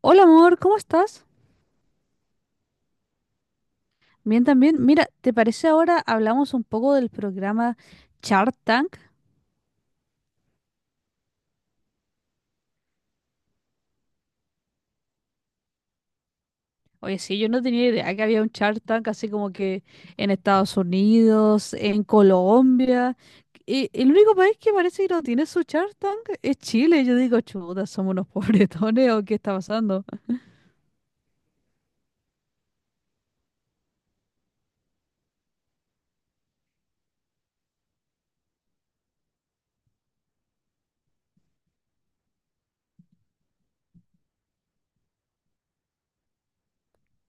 Hola amor, ¿cómo estás? Bien también. Mira, ¿te parece ahora hablamos un poco del programa Shark Tank? Oye, sí, yo no tenía idea que había un Shark Tank así como que en Estados Unidos, en Colombia. Y el único país que parece que no tiene su Shark Tank es Chile. Yo digo, chuta, somos unos pobretones o qué está pasando.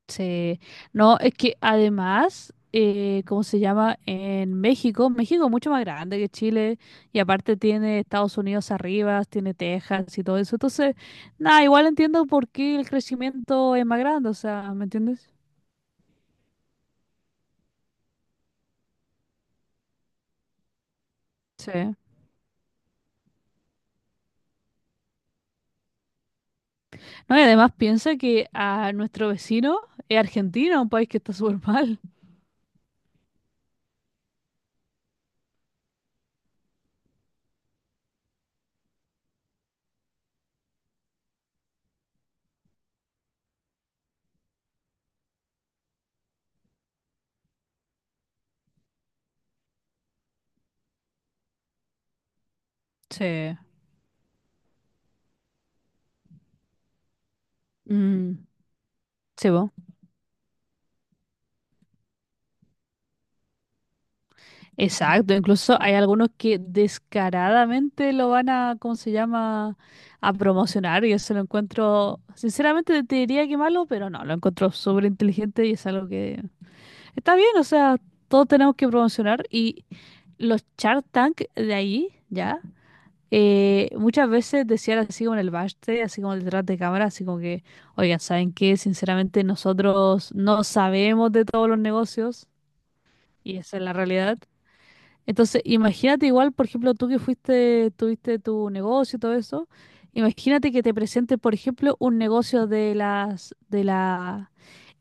Sí. No, es que además, ¿cómo se llama? En México, México es mucho más grande que Chile y aparte tiene Estados Unidos arriba, tiene Texas y todo eso. Entonces, nada, igual entiendo por qué el crecimiento es más grande, o sea, ¿me entiendes? Sí. No, y además piensa que a nuestro vecino es Argentina, un país que está súper mal. Sí. Mm, sí, po. Exacto, incluso hay algunos que descaradamente lo van a, ¿cómo se llama?, a promocionar y eso lo encuentro, sinceramente te diría que malo, pero no, lo encuentro súper inteligente y es algo que está bien, o sea, todos tenemos que promocionar y los Shark Tank de ahí, ¿ya? Muchas veces decían así como en el backstage, así como detrás de cámara, así como que, oigan, ¿saben qué? Sinceramente nosotros no sabemos de todos los negocios y esa es la realidad. Entonces, imagínate igual, por ejemplo, tú que fuiste, tuviste tu negocio y todo eso, imagínate que te presente, por ejemplo, un negocio de las, de la,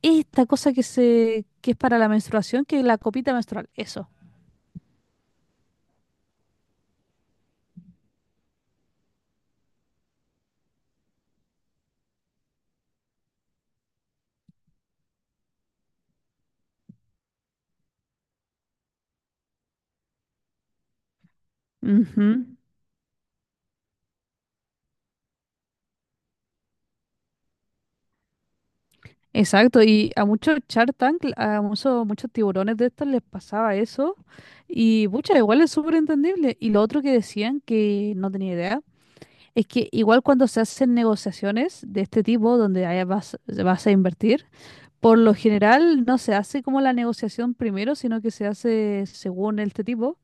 esta cosa que se, que es para la menstruación, que es la copita menstrual, eso. Ujú. Exacto, y a muchos Shark Tank, a muchos, muchos tiburones de estos les pasaba eso, y pucha, igual es súper entendible. Y lo otro que decían, que no tenía idea, es que igual cuando se hacen negociaciones de este tipo, donde ahí vas, vas a invertir, por lo general no se hace como la negociación primero, sino que se hace según este tipo,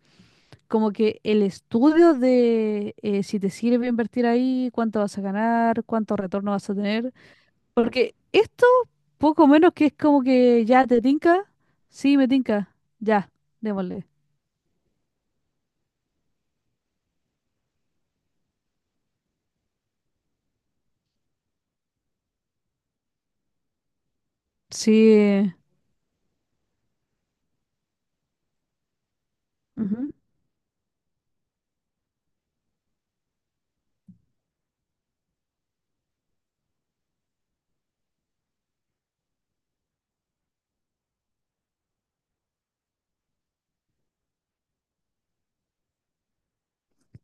como que el estudio de si te sirve invertir ahí, cuánto vas a ganar, cuánto retorno vas a tener. Porque esto, poco menos que es como que ya te tinca, sí, me tinca, ya, démosle. Sí.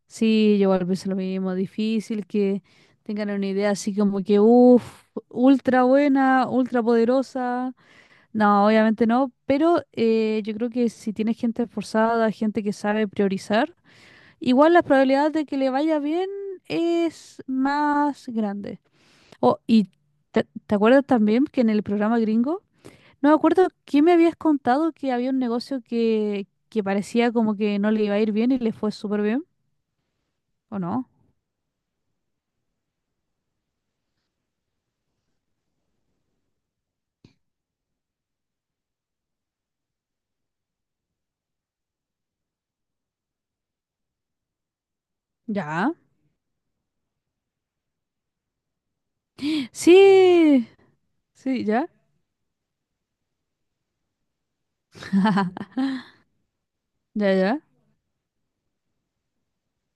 Sí, yo igual pienso lo mismo, difícil que tengan una idea así como que, uff, ultra buena, ultra poderosa. No, obviamente no, pero yo creo que si tienes gente esforzada, gente que sabe priorizar, igual las probabilidades de que le vaya bien es más grande. Oh, y ¿te acuerdas también que en el programa gringo, no me acuerdo quién me habías contado que había un negocio que parecía como que no le iba a ir bien y le fue súper bien, ¿o no? Ya. Sí, sí, ya. Ya, ya.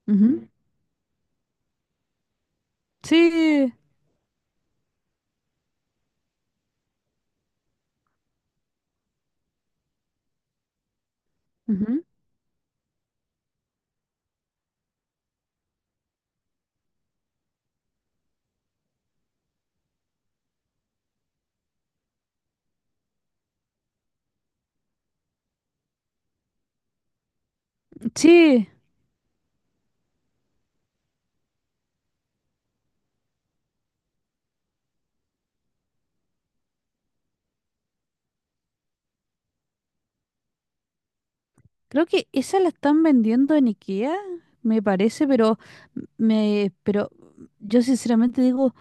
Ujú. Sí, ujú. Sí. Creo que esa la están vendiendo en IKEA, me parece, pero me, pero yo sinceramente digo,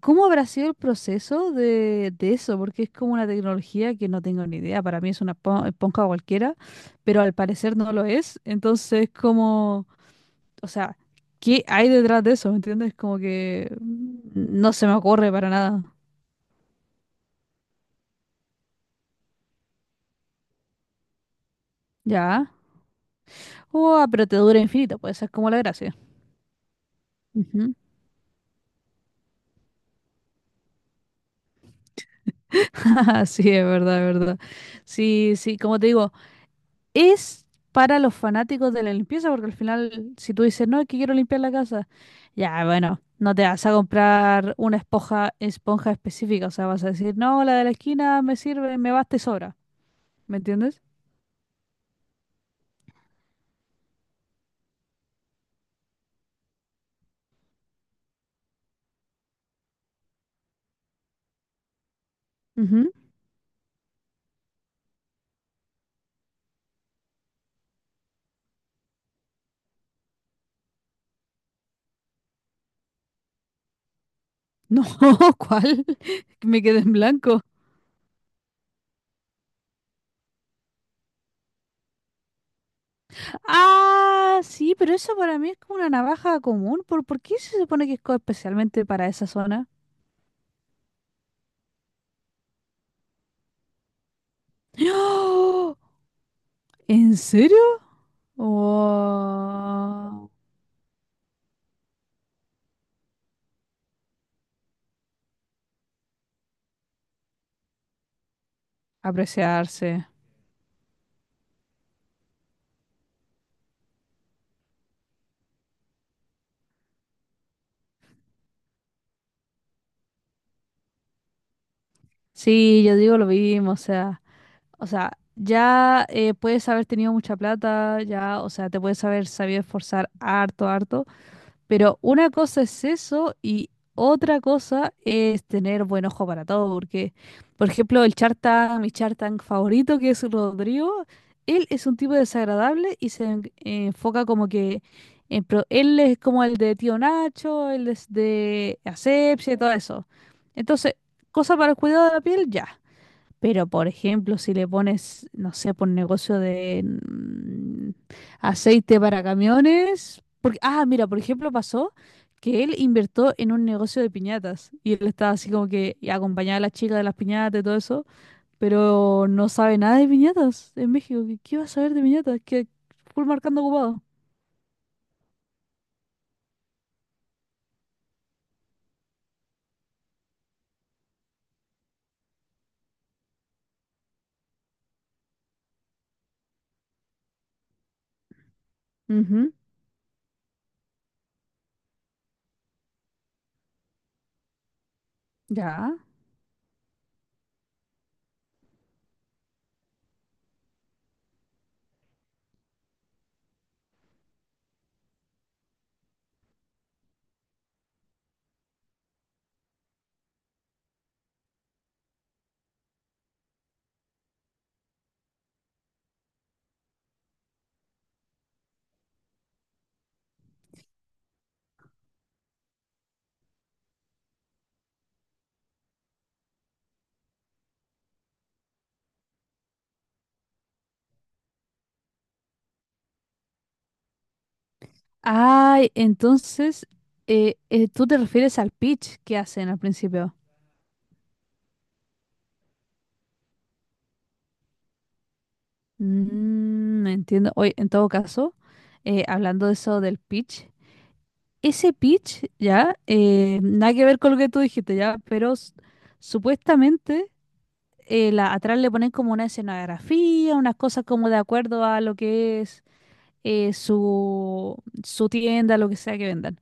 ¿cómo habrá sido el proceso de eso? Porque es como una tecnología que no tengo ni idea. Para mí es una esponja cualquiera, pero al parecer no lo es. Entonces, como, o sea, ¿qué hay detrás de eso? ¿Me entiendes? Como que no se me ocurre para nada. Ya. Uah, pero te dura infinito, pues esa es como la gracia. Ujú. Sí, es verdad, es verdad. Sí, sí, como te digo, es para los fanáticos de la limpieza, porque al final, si tú dices, no, es que quiero limpiar la casa, ya, bueno, no te vas a comprar una esponja, esponja específica, o sea, vas a decir, no, la de la esquina me sirve, me basta y sobra, ¿me entiendes? Ujú. No, ¿cuál? Me quedé en blanco. Ah, sí, pero eso para mí es como una navaja común. Por qué se supone que es especialmente para esa zona? ¡Oh! ¿En serio? Wow, apreciarse. Sí, yo digo lo mismo, o sea, ya puedes haber tenido mucha plata, ya, o sea, te puedes haber sabido esforzar harto, harto. Pero una cosa es eso y otra cosa es tener buen ojo para todo, porque, por ejemplo, el Chartang, mi Chartang favorito, que es Rodrigo, él es un tipo desagradable y se enfoca como que en él es como el de Tío Nacho, él es de Asepsia y todo eso. Entonces, cosa para el cuidado de la piel, ya. Pero, por ejemplo, si le pones, no sé, por negocio de aceite para camiones. Porque, ah, mira, por ejemplo, pasó que él invirtió en un negocio de piñatas y él estaba así como que acompañaba a la chica de las piñatas y todo eso, pero no sabe nada de piñatas en México. Qué va a saber de piñatas? Que full marcando ocupado. Ujú, ya. Ay, entonces, tú te refieres al pitch que hacen al principio. Mm, entiendo. Oye, en todo caso, hablando de eso del pitch, ese pitch, ya, nada que ver con lo que tú dijiste, ya, pero supuestamente la, atrás le ponen como una escenografía, unas cosas como de acuerdo a lo que es su, su tienda, lo que sea que vendan.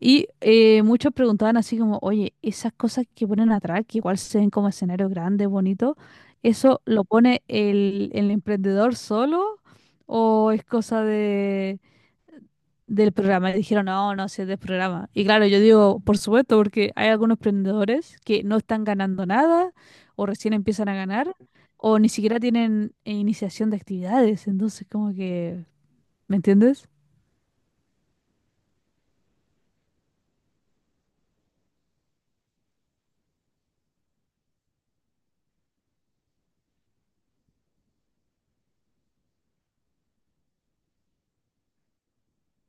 Y muchos preguntaban así como, oye, esas cosas que ponen atrás, que igual se ven como escenarios grandes, bonitos, ¿eso lo pone el emprendedor solo o es cosa de, del programa? Y dijeron, no, no, si es del programa. Y claro, yo digo, por supuesto, porque hay algunos emprendedores que no están ganando nada o recién empiezan a ganar o ni siquiera tienen iniciación de actividades. Entonces, como que, ¿me entiendes?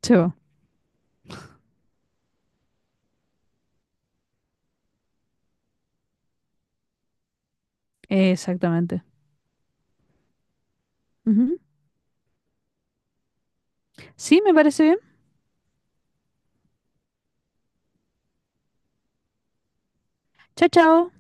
Sí, bo. Exactamente. Ujú. Sí, me parece bien. Chao, chao.